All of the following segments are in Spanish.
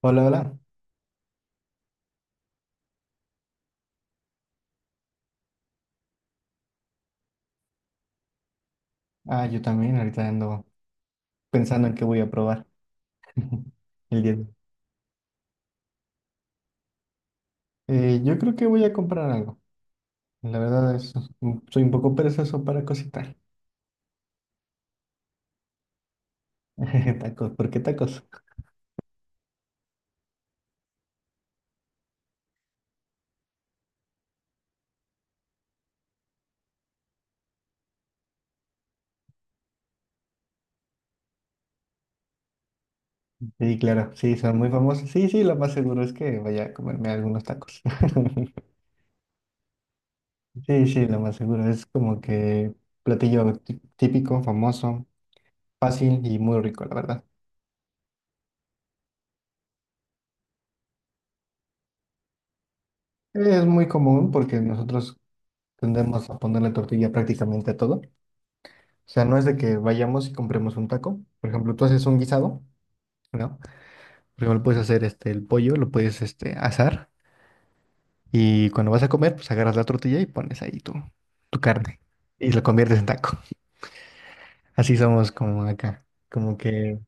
Hola, hola. Ah, yo también ahorita ando pensando en qué voy a probar el día de hoy. Yo creo que voy a comprar algo. La verdad es, soy un poco perezoso para cocinar. Tacos, ¿por qué tacos? Sí, claro, sí, son muy famosos. Sí, sí, lo más seguro es que vaya a comerme algunos tacos. Sí, sí, lo más seguro. Es como que platillo típico, famoso, fácil y muy rico, la verdad. Es muy común porque nosotros tendemos a ponerle tortilla prácticamente a todo. O sea, no es de que vayamos y compremos un taco. Por ejemplo, tú haces un guisado, ¿no? Primero puedes hacer el pollo, lo puedes asar, y cuando vas a comer, pues agarras la tortilla y pones ahí tu carne y lo conviertes en taco. Así somos como acá, como que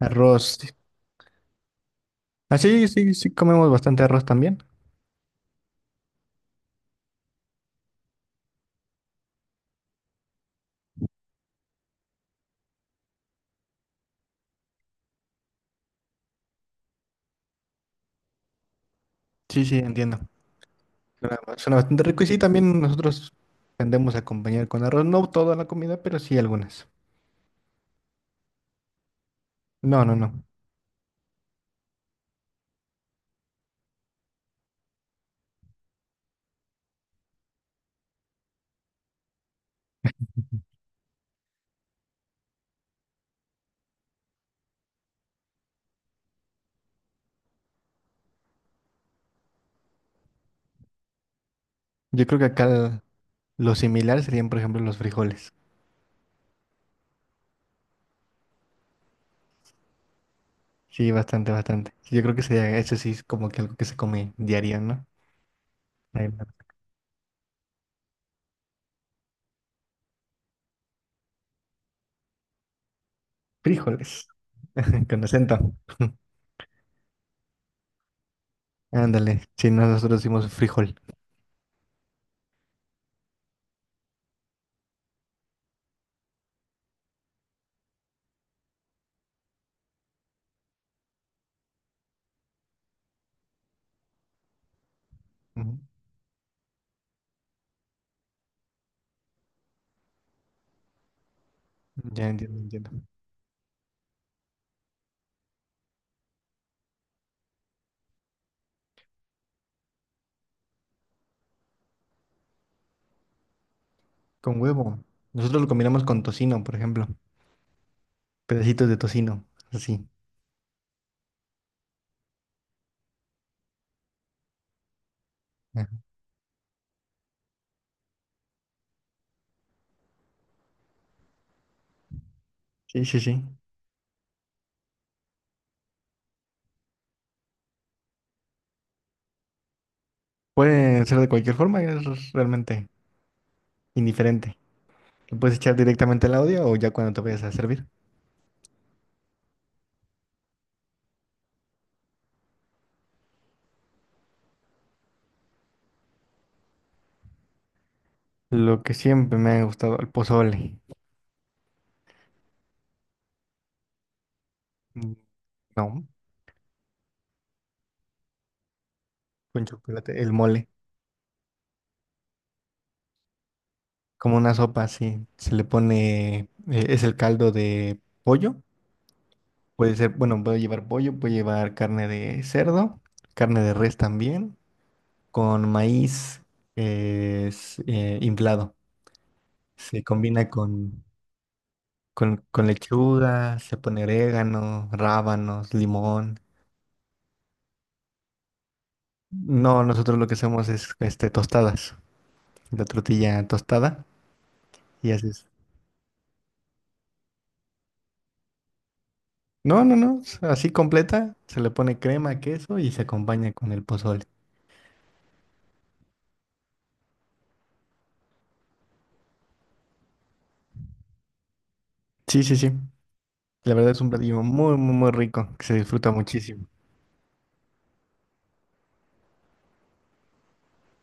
arroz. Así, sí, sí, sí comemos bastante arroz también. Sí, sí, entiendo. Suena bastante rico y sí, también nosotros tendemos a acompañar con arroz, no toda la comida, pero sí algunas. No, no, no. Yo creo que acá lo similar serían, por ejemplo, los frijoles. Sí, bastante, bastante. Yo creo que sería, eso sí es como que algo que se come diario, ¿no? Ahí va. Frijoles. Con acento. Ándale. Sí, no, nosotros decimos frijol. Ujú. Ya entiendo, entiendo. Con huevo. Nosotros lo combinamos con tocino, por ejemplo. Pedacitos de tocino. Así. Ajá. Sí, sí, sí. Puede ser de cualquier forma, es realmente indiferente. Lo puedes echar directamente al audio o ya cuando te vayas a servir. Lo que siempre me ha gustado, el pozole. Mm, no, con chocolate, el mole. Como una sopa, sí. Se le pone, es el caldo de pollo. Puede ser, bueno, puede llevar pollo, puede llevar carne de cerdo, carne de res también, con maíz inflado. Se combina con lechuga, se pone orégano, rábanos, limón. No, nosotros lo que hacemos es tostadas, la tortilla tostada y haces. No, no, no, así completa, se le pone crema, queso y se acompaña con el pozole. Sí, sí, sí. La verdad es un platillo muy, muy, muy rico, que se disfruta muchísimo.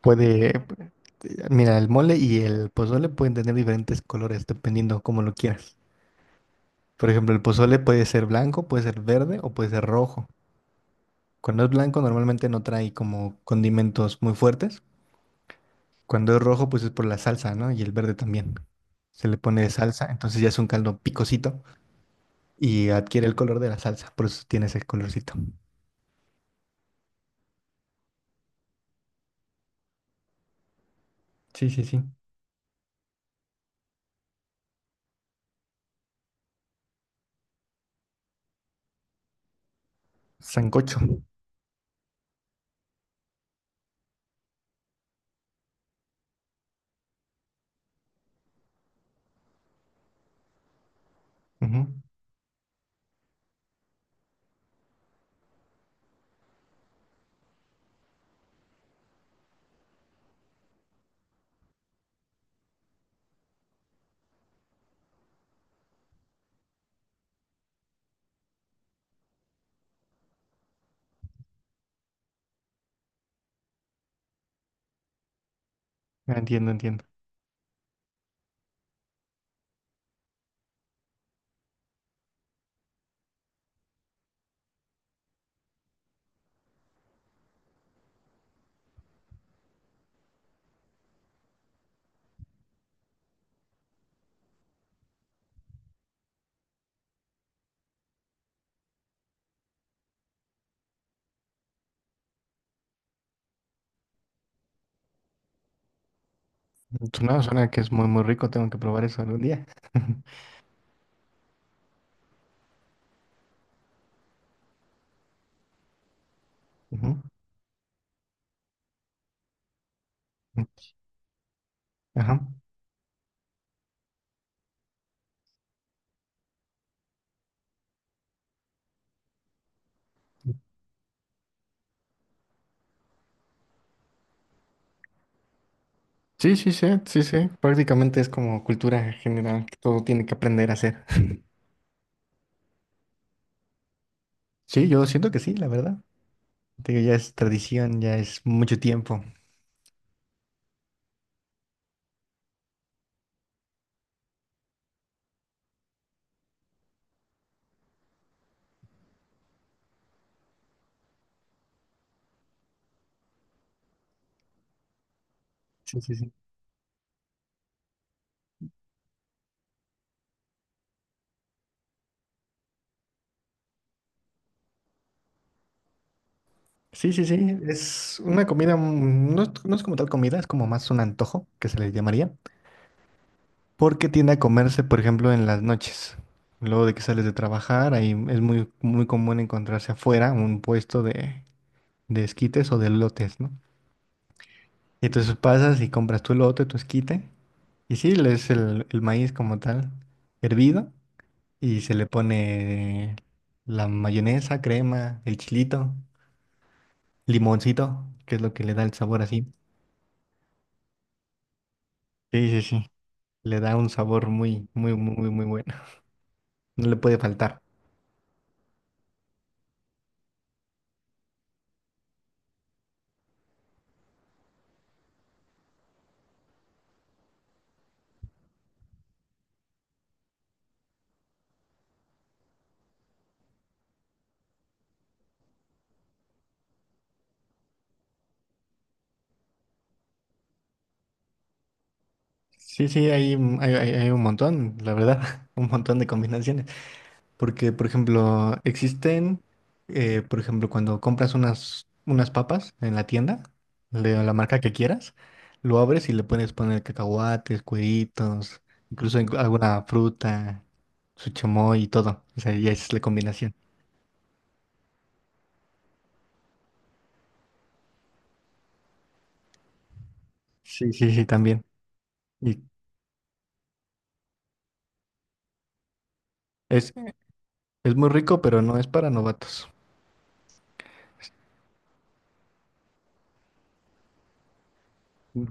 Puede, eh, Mira, el mole y el pozole pueden tener diferentes colores dependiendo cómo lo quieras. Por ejemplo, el pozole puede ser blanco, puede ser verde o puede ser rojo. Cuando es blanco normalmente no trae como condimentos muy fuertes. Cuando es rojo pues es por la salsa, ¿no? Y el verde también. Se le pone salsa, entonces ya es un caldo picosito y adquiere el color de la salsa, por eso tiene ese colorcito. Sí, sí, sí. Sancocho. Ujú. Ah, entiendo, entiendo. Pues no, suena que es muy, muy rico. Tengo que probar eso algún día. Ujú. Mm, ajá. Sí, sí, sí, sí, sí. Prácticamente es como cultura general que todo tiene que aprender a hacer. Sí, yo siento que sí, la verdad. Te digo, ya es tradición, ya es mucho tiempo. Sí, sí, sí. Sí, sí, sí. Es una comida, mm, no es, no es como tal comida, es como más un antojo que se le llamaría. Porque tiende a comerse, por ejemplo, en las noches. Luego de que sales de trabajar, ahí es muy, muy común encontrarse afuera un puesto de esquites o de lotes, ¿no? Y entonces pasas y compras tu lote, tu esquite, y sí, es el maíz como tal, hervido, y se le pone la mayonesa, crema, el chilito, limoncito, que es lo que le da el sabor así. Sí, sí, sí. Le da un sabor muy, muy, muy, muy, muy bueno. No le puede faltar. Sí, sí, hay un montón, la verdad, un montón de combinaciones. Porque, por ejemplo, existen, por ejemplo, cuando compras unas papas en la tienda, de la marca que quieras, lo abres y le puedes poner cacahuates, cueritos, incluso alguna fruta, su chamoy y todo. O sea, ya es la combinación. Sí, sí, sí, también. Y es, es muy rico, pero no es para novatos.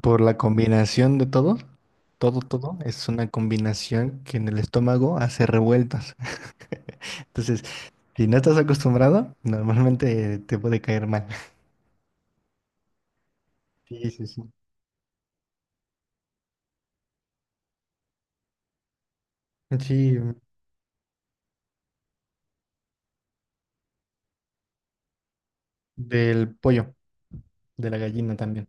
Por la combinación de todo, todo, todo, es una combinación que en el estómago hace revueltas. Entonces, si no estás acostumbrado, normalmente te puede caer mal. Sí, sí, sí. Sí, del pollo, de la gallina también.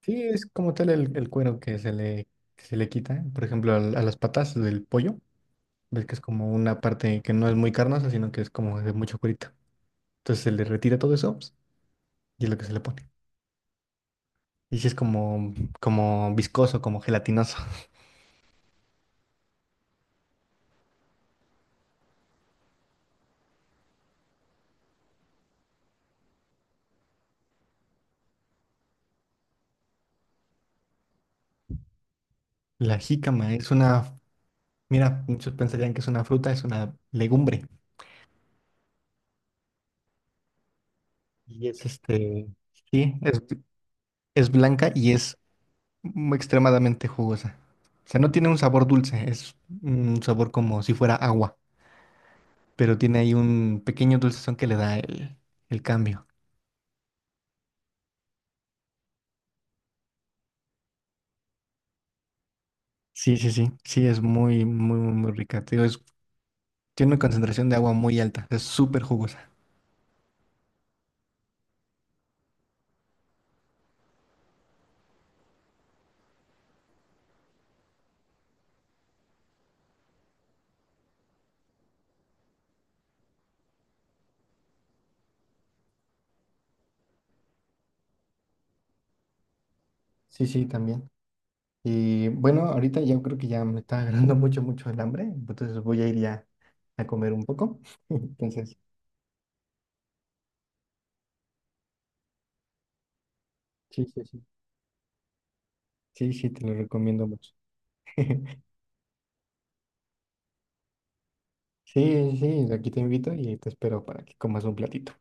Sí, es como tal el cuero que se le quita. Por ejemplo, a las patas del pollo, ves que es como una parte que no es muy carnosa, sino que es como de mucho cuerito. Entonces se le retira todo eso pues, y es lo que se le pone. Y sí es como viscoso, como gelatinoso. La jícama es una, mira, muchos pensarían que es una fruta, es una legumbre. Y es este, sí, es, es blanca y es extremadamente jugosa. O sea, no tiene un sabor dulce, es un sabor como si fuera agua, pero tiene ahí un pequeño dulcezón que le da el cambio. Sí, sí, sí, sí, es muy, muy, muy muy rica. Te digo, es- tiene una concentración de agua muy alta, es súper jugosa. Sí, sí, también. Y bueno, ahorita ya creo que ya me está agarrando mucho, mucho el hambre, entonces voy a ir ya a comer un poco. Entonces, sí, sí, sí. Sí, sí, te lo recomiendo mucho. Sí, sí, aquí te invito y te espero para que comas un platito.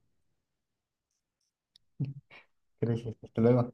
Gracias, hasta luego.